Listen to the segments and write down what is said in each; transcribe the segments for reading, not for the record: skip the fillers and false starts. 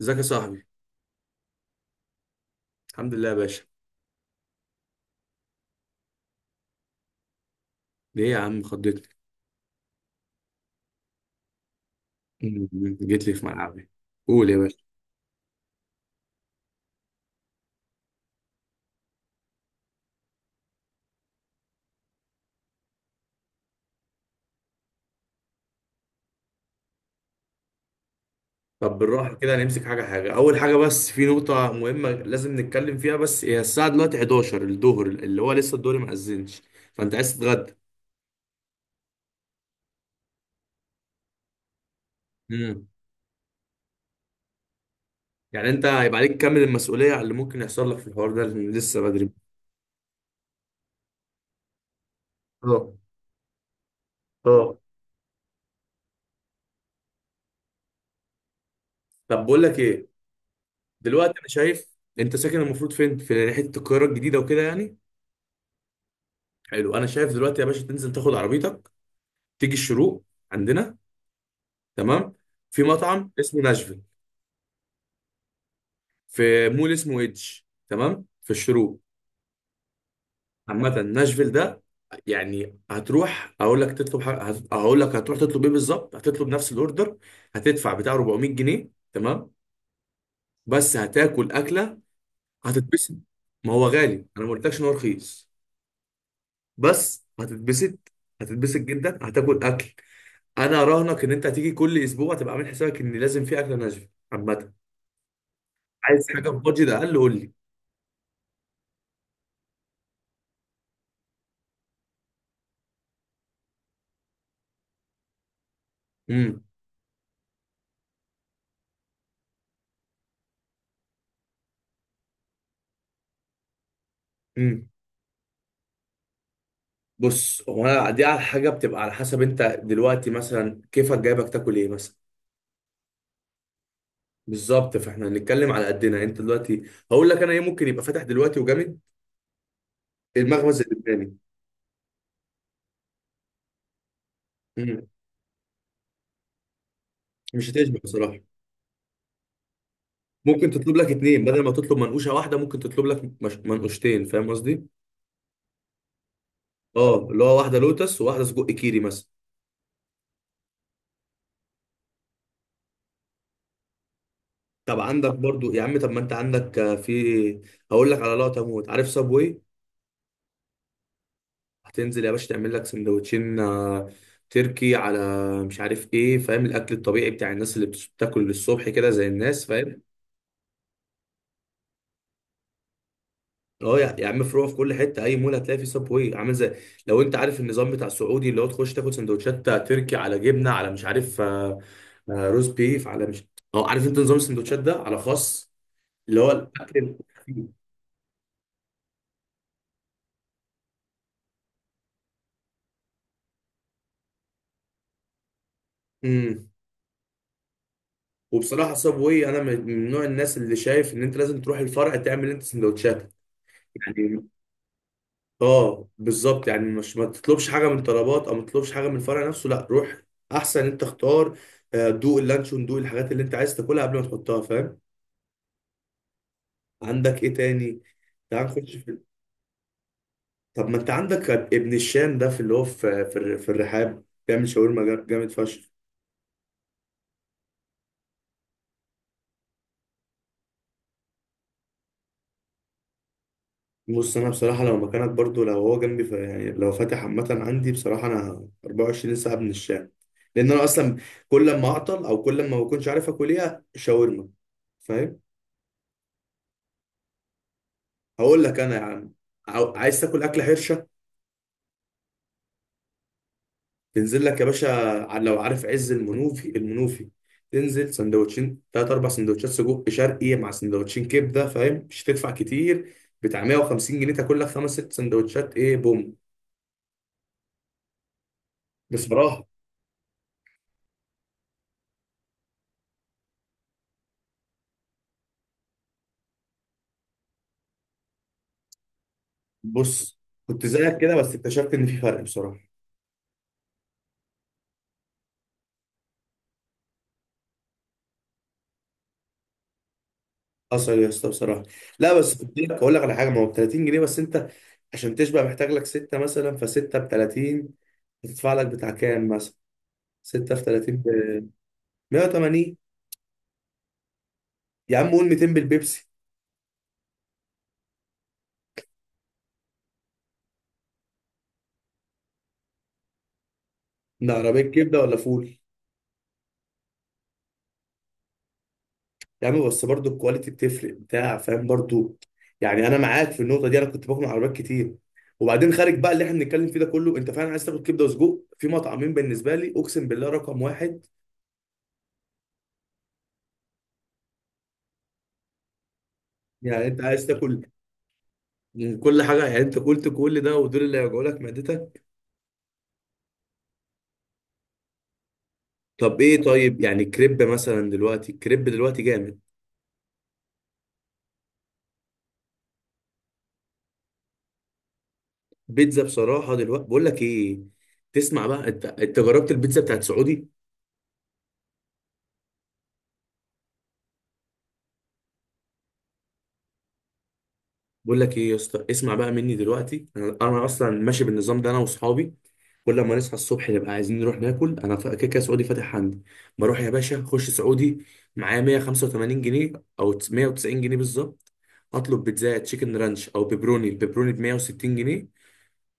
ازيك يا صاحبي؟ الحمد لله يا باشا. ليه يا عم خضتني؟ مم، جيت لي في ملعبي. قول يا باشا. طب بالراحه كده، نمسك حاجه حاجه. اول حاجه، بس في نقطه مهمه لازم نتكلم فيها، بس هي الساعه دلوقتي 11 الظهر، اللي هو لسه الدوري ما اذنش. فانت عايز تتغدى؟ امم. يعني انت هيبقى عليك تكمل المسؤوليه على اللي ممكن يحصل لك في الحوار ده، لأن لسه بدري. اه. اه. طب بقول لك ايه. دلوقتي انا شايف انت ساكن المفروض فين؟ في ناحيه القاهره الجديده وكده يعني. حلو، انا شايف دلوقتي يا باشا تنزل تاخد عربيتك، تيجي الشروق عندنا. تمام. في مطعم اسمه ناشفيل، في مول اسمه ايدج. تمام، في الشروق. عامة ناشفيل ده يعني هتروح، اقول لك تطلب حاجة هقول لك هتروح تطلب ايه بالظبط، هتطلب نفس الاوردر، هتدفع بتاع 400 جنيه. تمام، بس هتاكل اكلة هتتبسط. ما هو غالي، انا ما قلتلكش ان هو رخيص، بس هتتبسط، هتتبسط جدا، هتاكل اكل. انا اراهنك ان انت هتيجي كل اسبوع تبقى عامل حسابك ان لازم في اكله ناشفيل. عامة عايز حاجه بادجت اقل، قول لي. امم بص، هو انا دي على حاجه بتبقى على حسب، انت دلوقتي مثلا كيفك جايبك تاكل ايه مثلا. بالظبط، فاحنا هنتكلم على قدنا. انت دلوقتي هقول لك انا ايه ممكن يبقى فاتح دلوقتي وجامد، المخبز اللبناني. مم. مش هتشبع بصراحه. ممكن تطلب لك اتنين، بدل ما تطلب منقوشه واحده ممكن تطلب لك مش... منقوشتين، فاهم قصدي. اه، اللي هو واحده لوتس وواحده سجق كيري مثلا. طب عندك برضو يا عم، طب ما انت عندك في. هقول لك على لقطه موت، عارف صابوي؟ هتنزل يا باشا تعمل لك سندوتشين، تركي على مش عارف ايه، فاهم الاكل الطبيعي بتاع الناس اللي بتاكل الصبح كده زي الناس، فاهم. اه يا عم، فروع في كل حته، اي مول هتلاقي فيه سبوي عامل زي، لو انت عارف النظام بتاع السعودي، اللي هو تخش تاكل سندوتشات تركي على جبنه على مش عارف، روز بيف على مش. اه، عارف انت نظام السندوتشات ده على خاص، اللي هو الاكل الخفيف. امم وبصراحه سبوي، انا من نوع الناس اللي شايف ان انت لازم تروح الفرع تعمل انت سندوتشاتك يعني. اه بالظبط، يعني مش ما تطلبش حاجه من طلبات او ما تطلبش حاجه من الفرع نفسه، لا روح احسن انت اختار، دوق اللانشون، دوق الحاجات اللي انت عايز تاكلها قبل ما تحطها، فاهم. عندك ايه تاني، تعال نخش في طب ما انت عندك ابن الشام ده، في اللي هو في في الرحاب بيعمل شاورما جامد فشخ. بص انا بصراحه لو مكانك برضو، لو هو جنبي يعني لو فاتح عامه عندي، بصراحه انا 24 ساعه ابن الشام، لان انا اصلا كل ما اعطل او كل ما بكونش عارف اكل ايه، شاورما، فاهم. هقول لك انا يا عم، عايز تاكل اكله حرشه، تنزل لك يا باشا، لو عارف عز المنوفي، المنوفي تنزل سندوتشين، تلات اربع سندوتشات سجق شرقي مع سندوتشين كبده، فاهم مش هتدفع كتير، بتاع 150 جنيه تاكل لك خمس ست سندوتشات، ايه بوم بصراحه. بص، كنت زيك كده بس اكتشفت ان في فرق بصراحه. حصل إيه يا اسطى بصراحه؟ لا بس كنت لك هقول لك على حاجه، ما هو ب 30 جنيه، بس انت عشان تشبع محتاج لك سته مثلا، فسته ب 30، هتدفع لك بتاع كام مثلا، 6 في 30. 180. يا عم قول 200 بالبيبسي. ده عربية كبدة ولا فول؟ يا عم، بس برضو الكواليتي بتفرق بتاع، فاهم برضو، يعني أنا معاك في النقطة دي، أنا كنت باكل من عربيات كتير، وبعدين خارج بقى اللي احنا بنتكلم فيه ده كله، أنت فعلا عايز تاكل كبدة وسجق، في مطعمين بالنسبة لي أقسم بالله رقم واحد. يعني أنت عايز تاكل من كل حاجة، يعني أنت قلت كل ده، ودول اللي هيوجعوا لك معدتك. طب إيه، طيب يعني كريب مثلا دلوقتي، الكريب دلوقتي جامد. بيتزا بصراحة دلوقتي بقول لك إيه، تسمع بقى، أنت جربت البيتزا بتاعت سعودي؟ بقول لك ايه يا اسطى، اسمع بقى مني دلوقتي، انا اصلا ماشي بالنظام ده، انا واصحابي كل ما نصحى الصبح نبقى عايزين نروح ناكل، انا كده كده سعودي فاتح عندي، بروح يا باشا اخش سعودي، معايا 185 جنيه او 190 جنيه بالظبط، اطلب بيتزا تشيكن رانش او بيبروني، البيبروني ب 160 جنيه.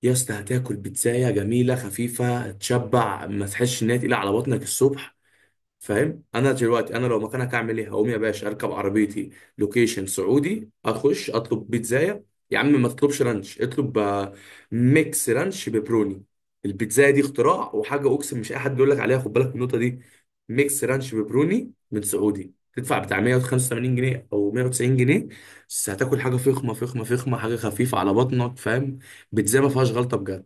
يا اسطى هتاكل بيتزايه جميله خفيفه، تشبع ما تحسش ان هي تقيله على بطنك الصبح، فاهم. انا دلوقتي انا لو مكانك هعمل ايه، هقوم يا باشا اركب عربيتي، لوكيشن سعودي، اخش اطلب بيتزايه. يا عم ما تطلبش رانش، اطلب ميكس رانش ببروني، البيتزايه دي اختراع وحاجه اقسم، مش اي حد يقول لك عليها، خد بالك من النقطه دي. ميكس رانش ببروني من سعودي، تدفع بتاع 185 جنيه او 190 جنيه، بس هتاكل حاجه فخمه فخمه فخمه، حاجه خفيفه على بطنك، فاهم، بيتزايه ما فيهاش غلطه بجد.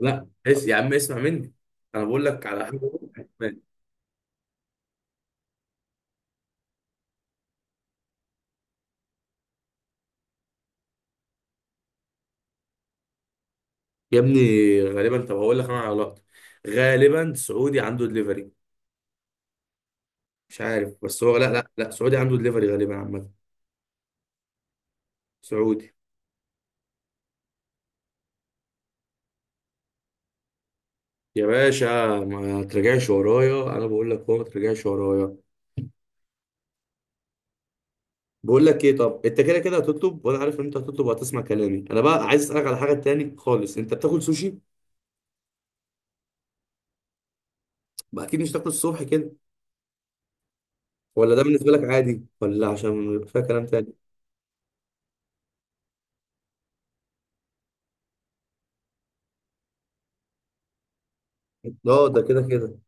لا اس يا عم اسمع مني، انا بقول لك على حاجه. يا ابني، غالبا، طب هقول لك انا على لقطه، غالبا سعودي عنده دليفري، مش عارف، بس هو لا لا لا، سعودي عنده دليفري غالبا عامه، سعودي. يا باشا، ما ترجعش ورايا، انا بقول لك، هو ما ترجعش ورايا. بقول لك ايه، طب انت كده كده هتطلب، وانا عارف ان انت هتطلب وهتسمع كلامي، انا بقى عايز اسالك على حاجه تاني خالص، انت بتاكل سوشي؟ بقى اكيد مش تاكل الصبح كده، ولا ده بالنسبه لك عادي، ولا عشان يبقى فيها كلام تاني؟ لا ده كده كده.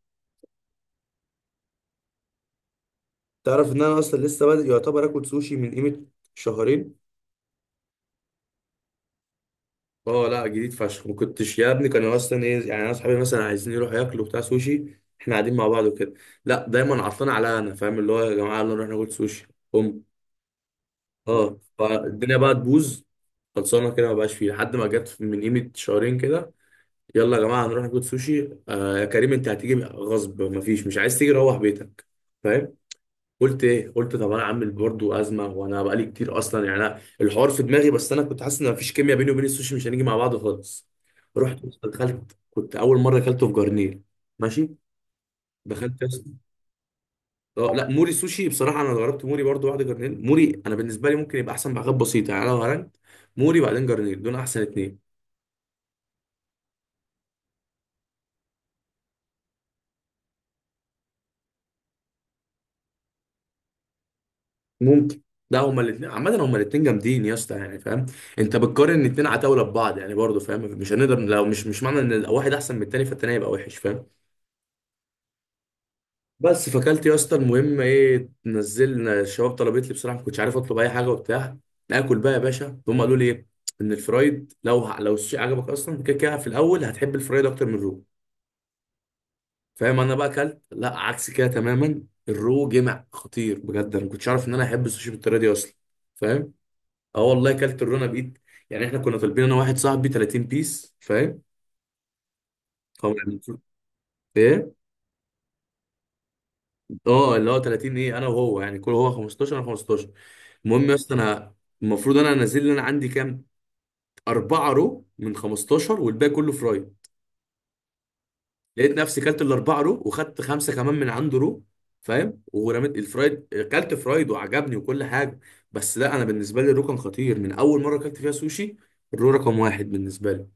تعرف ان انا اصلا لسه بادئ يعتبر اكل سوشي من قيمه شهرين. اه لا، جديد فشخ، ما كنتش يا ابني، كانوا اصلا ايه يعني، انا اصحابي مثلا عايزين يروحوا ياكلوا بتاع سوشي، احنا قاعدين مع بعض وكده، لا دايما عطلان على انا، فاهم اللي هو يا جماعه يلا نروح ناكل سوشي. ام اه، فالدنيا بقى تبوظ، خلصانه كده ما بقاش فيه، لحد ما جت من قيمه شهرين كده، يلا يا جماعه هنروح ناكل سوشي، آه يا كريم انت هتيجي غصب، ما فيش مش عايز تيجي روح بيتك، فاهم. قلت ايه، قلت طب انا عامل برضه ازمه، وانا بقالي كتير اصلا يعني، أنا الحوار في دماغي، بس انا كنت حاسس ان مفيش كيمياء بيني وبين السوشي، مش هنيجي مع بعض خالص. رحت دخلت، كنت اول مره اكلته في جرنيل. ماشي، دخلت يا اسطى. اه لا موري سوشي بصراحه، انا جربت موري برضه، واحده جرنيل موري، انا بالنسبه لي ممكن يبقى احسن بحاجات بسيطه يعني، انا لو هرنت موري بعدين جرنيل، دول احسن اتنين. ممكن، لا هما الاثنين عامة، هما الاثنين جامدين يا اسطى، يعني فاهم، انت بتقارن اتنين عتاولة ببعض يعني برضه، فاهم مش هنقدر، لو مش معنى ان واحد احسن من التاني فالتاني هيبقى وحش، فاهم. بس فاكلت يا اسطى، المهم ايه، نزلنا الشباب طلبت لي بصراحه، ما كنتش عارف اطلب اي حاجه وبتاع، ناكل بقى يا باشا، هم قالوا لي ايه، ان الفرايد لو السوشي عجبك اصلا كده كده، في الاول هتحب الفرايد اكتر من الرو. فاهم، انا بقى اكلت، لا عكس كده تماما، الرو جمع خطير بجد، انا ما كنتش عارف ان انا احب السوشي بالطريقه دي اصلا، فاهم. اه والله، اكلت الرو انا بقيت يعني، احنا كنا طالبين انا واحد صاحبي 30 بيس فاهم، هو يعني-. ايه، اه اللي هو 30، ايه انا وهو يعني، كل هو 15 انا 15. المهم يا اسطى انا المفروض انا انزل لي، انا عندي كام، اربعه رو من 15 والباقي كله فراي. لقيت نفسي كلت الاربعه رو، وخدت خمسه كمان من عنده رو، فاهم، ورميت الفرايد، كلت فرايد وعجبني وكل حاجه، بس لا، انا بالنسبه لي الرو كان خطير من اول مره كلت فيها سوشي، الرو رقم واحد بالنسبه لي.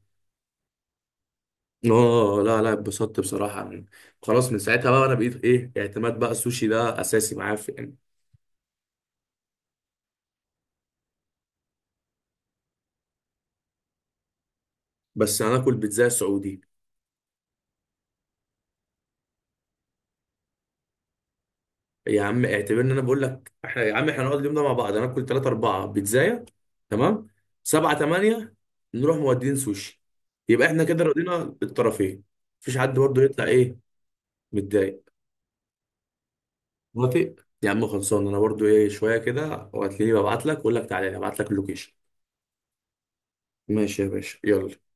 اه لا لا، اتبسطت بصراحه من، خلاص من ساعتها بقى، انا بقيت ايه اعتماد، بقى السوشي ده اساسي معايا في يعني. بس هناكل بيتزا سعودي. يا عم اعتبر ان انا بقول لك، احنا يا عم احنا نقعد اليوم ده مع بعض، انا اكل 3 4 بيتزايه، تمام، 7 8، نروح مودين سوشي، يبقى احنا كده رضينا الطرفين، مفيش حد برضه يطلع ايه متضايق. موافق. يا عم خلصان، انا برضه ايه شويه كده وهتلاقيني ببعت لك، واقول لك تعالى، ابعت لك اللوكيشن. ماشي يا باشا يلا.